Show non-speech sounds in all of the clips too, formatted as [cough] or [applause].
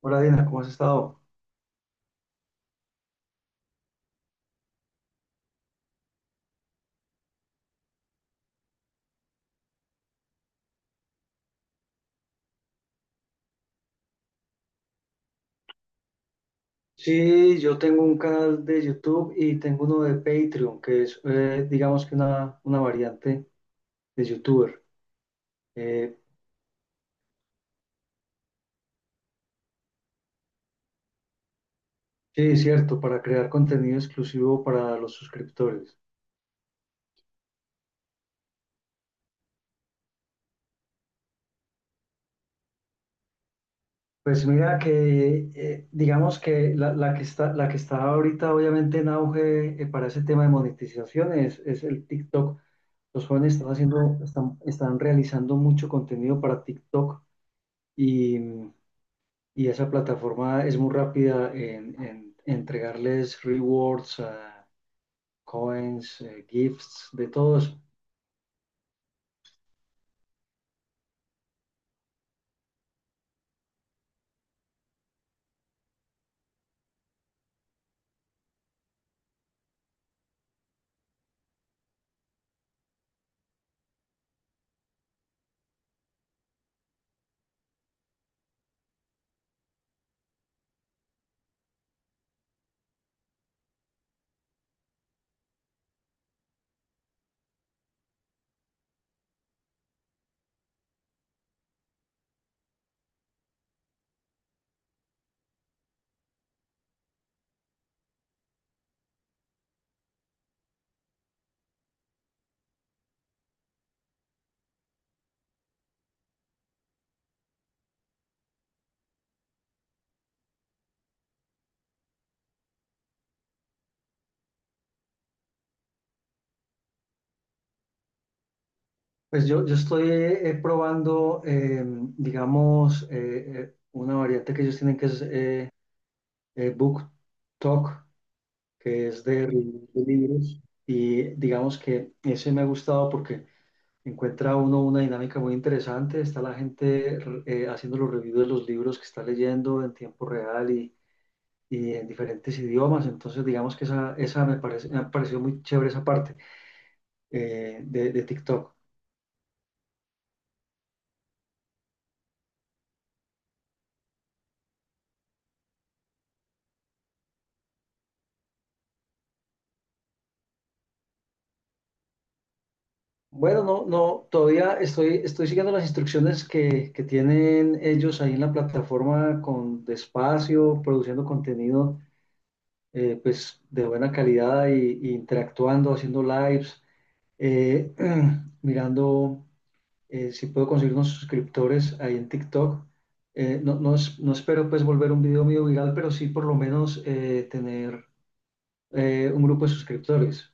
Hola Dina, ¿cómo has estado? Sí, yo tengo un canal de YouTube y tengo uno de Patreon, que es, digamos que una variante de YouTuber. Eh, sí, cierto, para crear contenido exclusivo para los suscriptores. Pues mira que, digamos que la que está, la que está ahorita obviamente en auge para ese tema de monetización es el TikTok. Los jóvenes están haciendo, están, están realizando mucho contenido para TikTok y... y esa plataforma es muy rápida en entregarles rewards, coins, gifts, de todo eso. Pues yo estoy probando, digamos, una variante que ellos tienen que es Book Talk, que es de reviews de libros. Y digamos que ese me ha gustado porque encuentra uno una dinámica muy interesante. Está la gente haciendo los reviews de los libros que está leyendo en tiempo real y en diferentes idiomas. Entonces, digamos que esa me parece, me ha parecido muy chévere esa parte de TikTok. Bueno, no, no, todavía estoy, estoy siguiendo las instrucciones que tienen ellos ahí en la plataforma con despacio, produciendo contenido pues de buena calidad y interactuando, haciendo lives, eh, [clears throat] mirando si puedo conseguir unos suscriptores ahí en TikTok. No, no, no espero pues volver un video mío viral, pero sí por lo menos tener un grupo de suscriptores.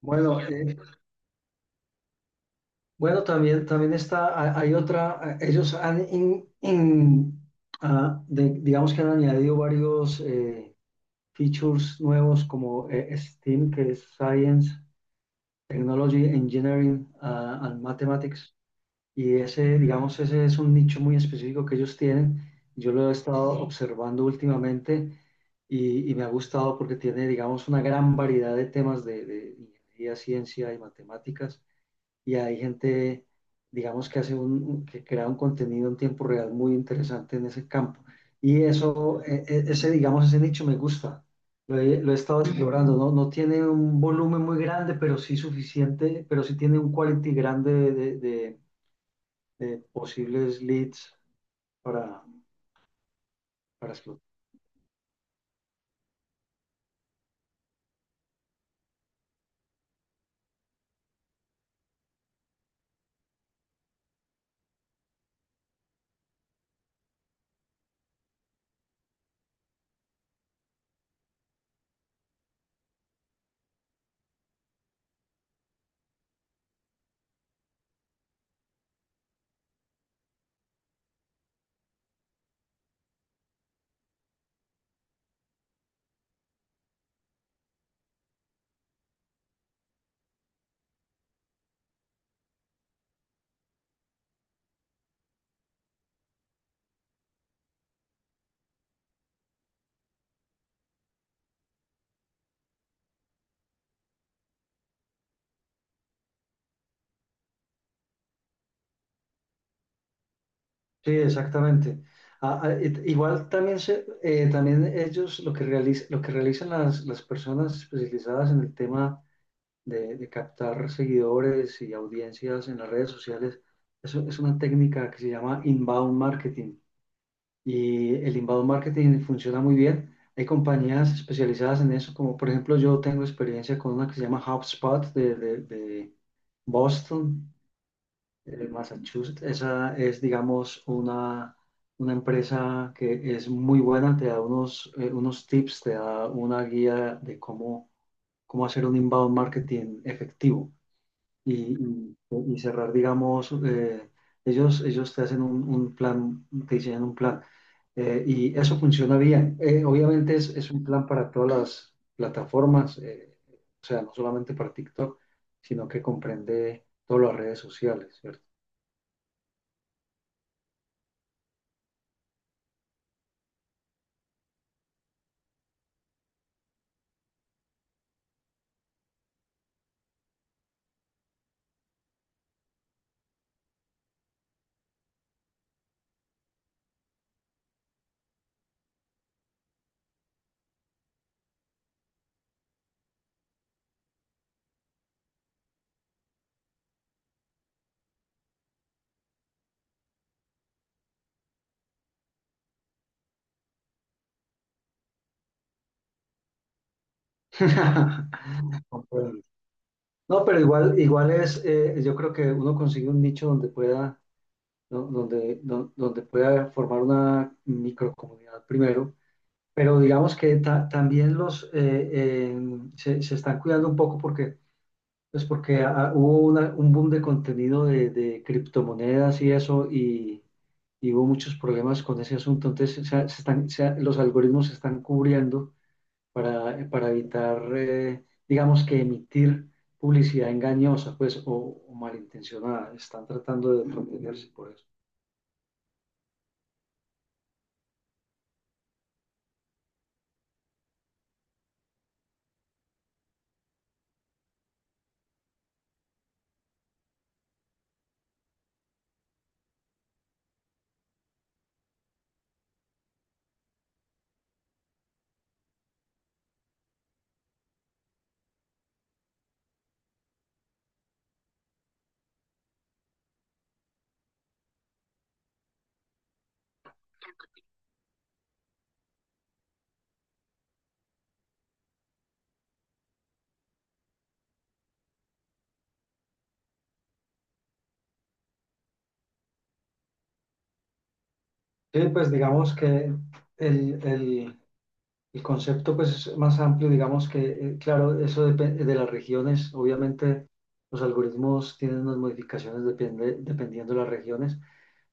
Bueno, eh, bueno, también, también está, hay otra, ellos han, digamos que han añadido varios features nuevos como STEAM, que es Science, Technology, Engineering, and Mathematics. Y ese, digamos, ese es un nicho muy específico que ellos tienen. Yo lo he estado observando últimamente y me ha gustado porque tiene, digamos, una gran variedad de temas de ingeniería, ciencia y matemáticas. Y hay gente, digamos, que hace un, que crea un contenido en tiempo real muy interesante en ese campo. Y eso, ese, digamos, ese nicho me gusta. Lo he estado explorando, ¿no? No tiene un volumen muy grande, pero sí suficiente, pero sí tiene un quality grande de de posibles leads para, para explotar. Sí, exactamente. Ah, ah, igual también, se, también ellos lo que, lo que realizan las personas especializadas en el tema de captar seguidores y audiencias en las redes sociales, eso es una técnica que se llama inbound marketing. Y el inbound marketing funciona muy bien. Hay compañías especializadas en eso, como por ejemplo yo tengo experiencia con una que se llama HubSpot de Boston, El Massachusetts. Esa es, digamos, una empresa que es muy buena, te da unos, unos tips, te da una guía de cómo, cómo hacer un inbound marketing efectivo y, y cerrar, digamos, ellos, ellos te hacen un plan, te diseñan un plan. Y eso funciona bien. Obviamente es un plan para todas las plataformas, o sea, no solamente para TikTok, sino que comprende todas las redes sociales, ¿cierto? [laughs] Comprendo. No, pero igual, igual es, yo creo que uno consigue un nicho donde pueda, donde, donde pueda formar una microcomunidad primero. Pero digamos que también los se, se están cuidando un poco porque, pues porque hubo un boom de contenido de criptomonedas y eso, y hubo muchos problemas con ese asunto. Entonces, se están, los algoritmos se están cubriendo para evitar, digamos que emitir publicidad engañosa, pues, o malintencionada. Están tratando de protegerse por eso. Sí, pues digamos que el, el concepto pues, es más amplio, digamos que, claro, eso depende de las regiones. Obviamente los algoritmos tienen unas modificaciones dependiendo de las regiones,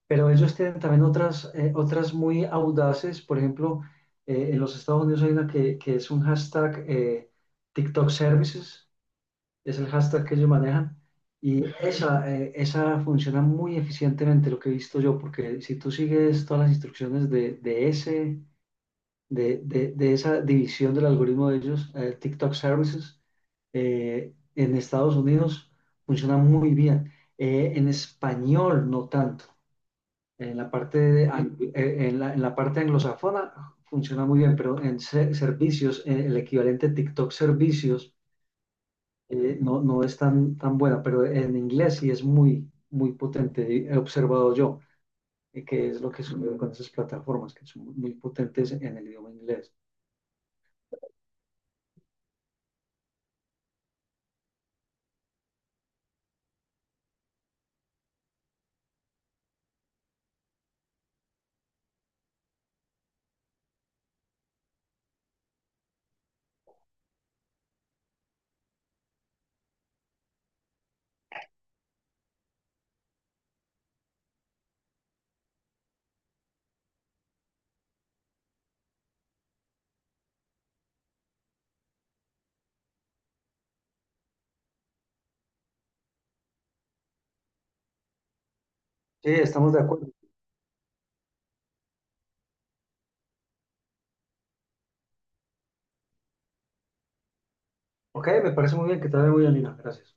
pero ellos tienen también otras, otras muy audaces. Por ejemplo, en los Estados Unidos hay una que es un hashtag TikTok Services, es el hashtag que ellos manejan. Y esa, esa funciona muy eficientemente, lo que he visto yo, porque si tú sigues todas las instrucciones de ese, de, de esa división del algoritmo de ellos, TikTok Services, en Estados Unidos funciona muy bien. En español no tanto. En la parte, de en la parte anglosajona funciona muy bien, pero en servicios, el equivalente TikTok servicios, no, no es tan, tan buena, pero en inglés sí es muy, muy potente. He observado yo que es lo que sucede con esas plataformas, que son muy potentes en el idioma inglés. Sí, estamos de acuerdo. Ok, me parece muy bien, que te vaya muy bien, Lina. Gracias.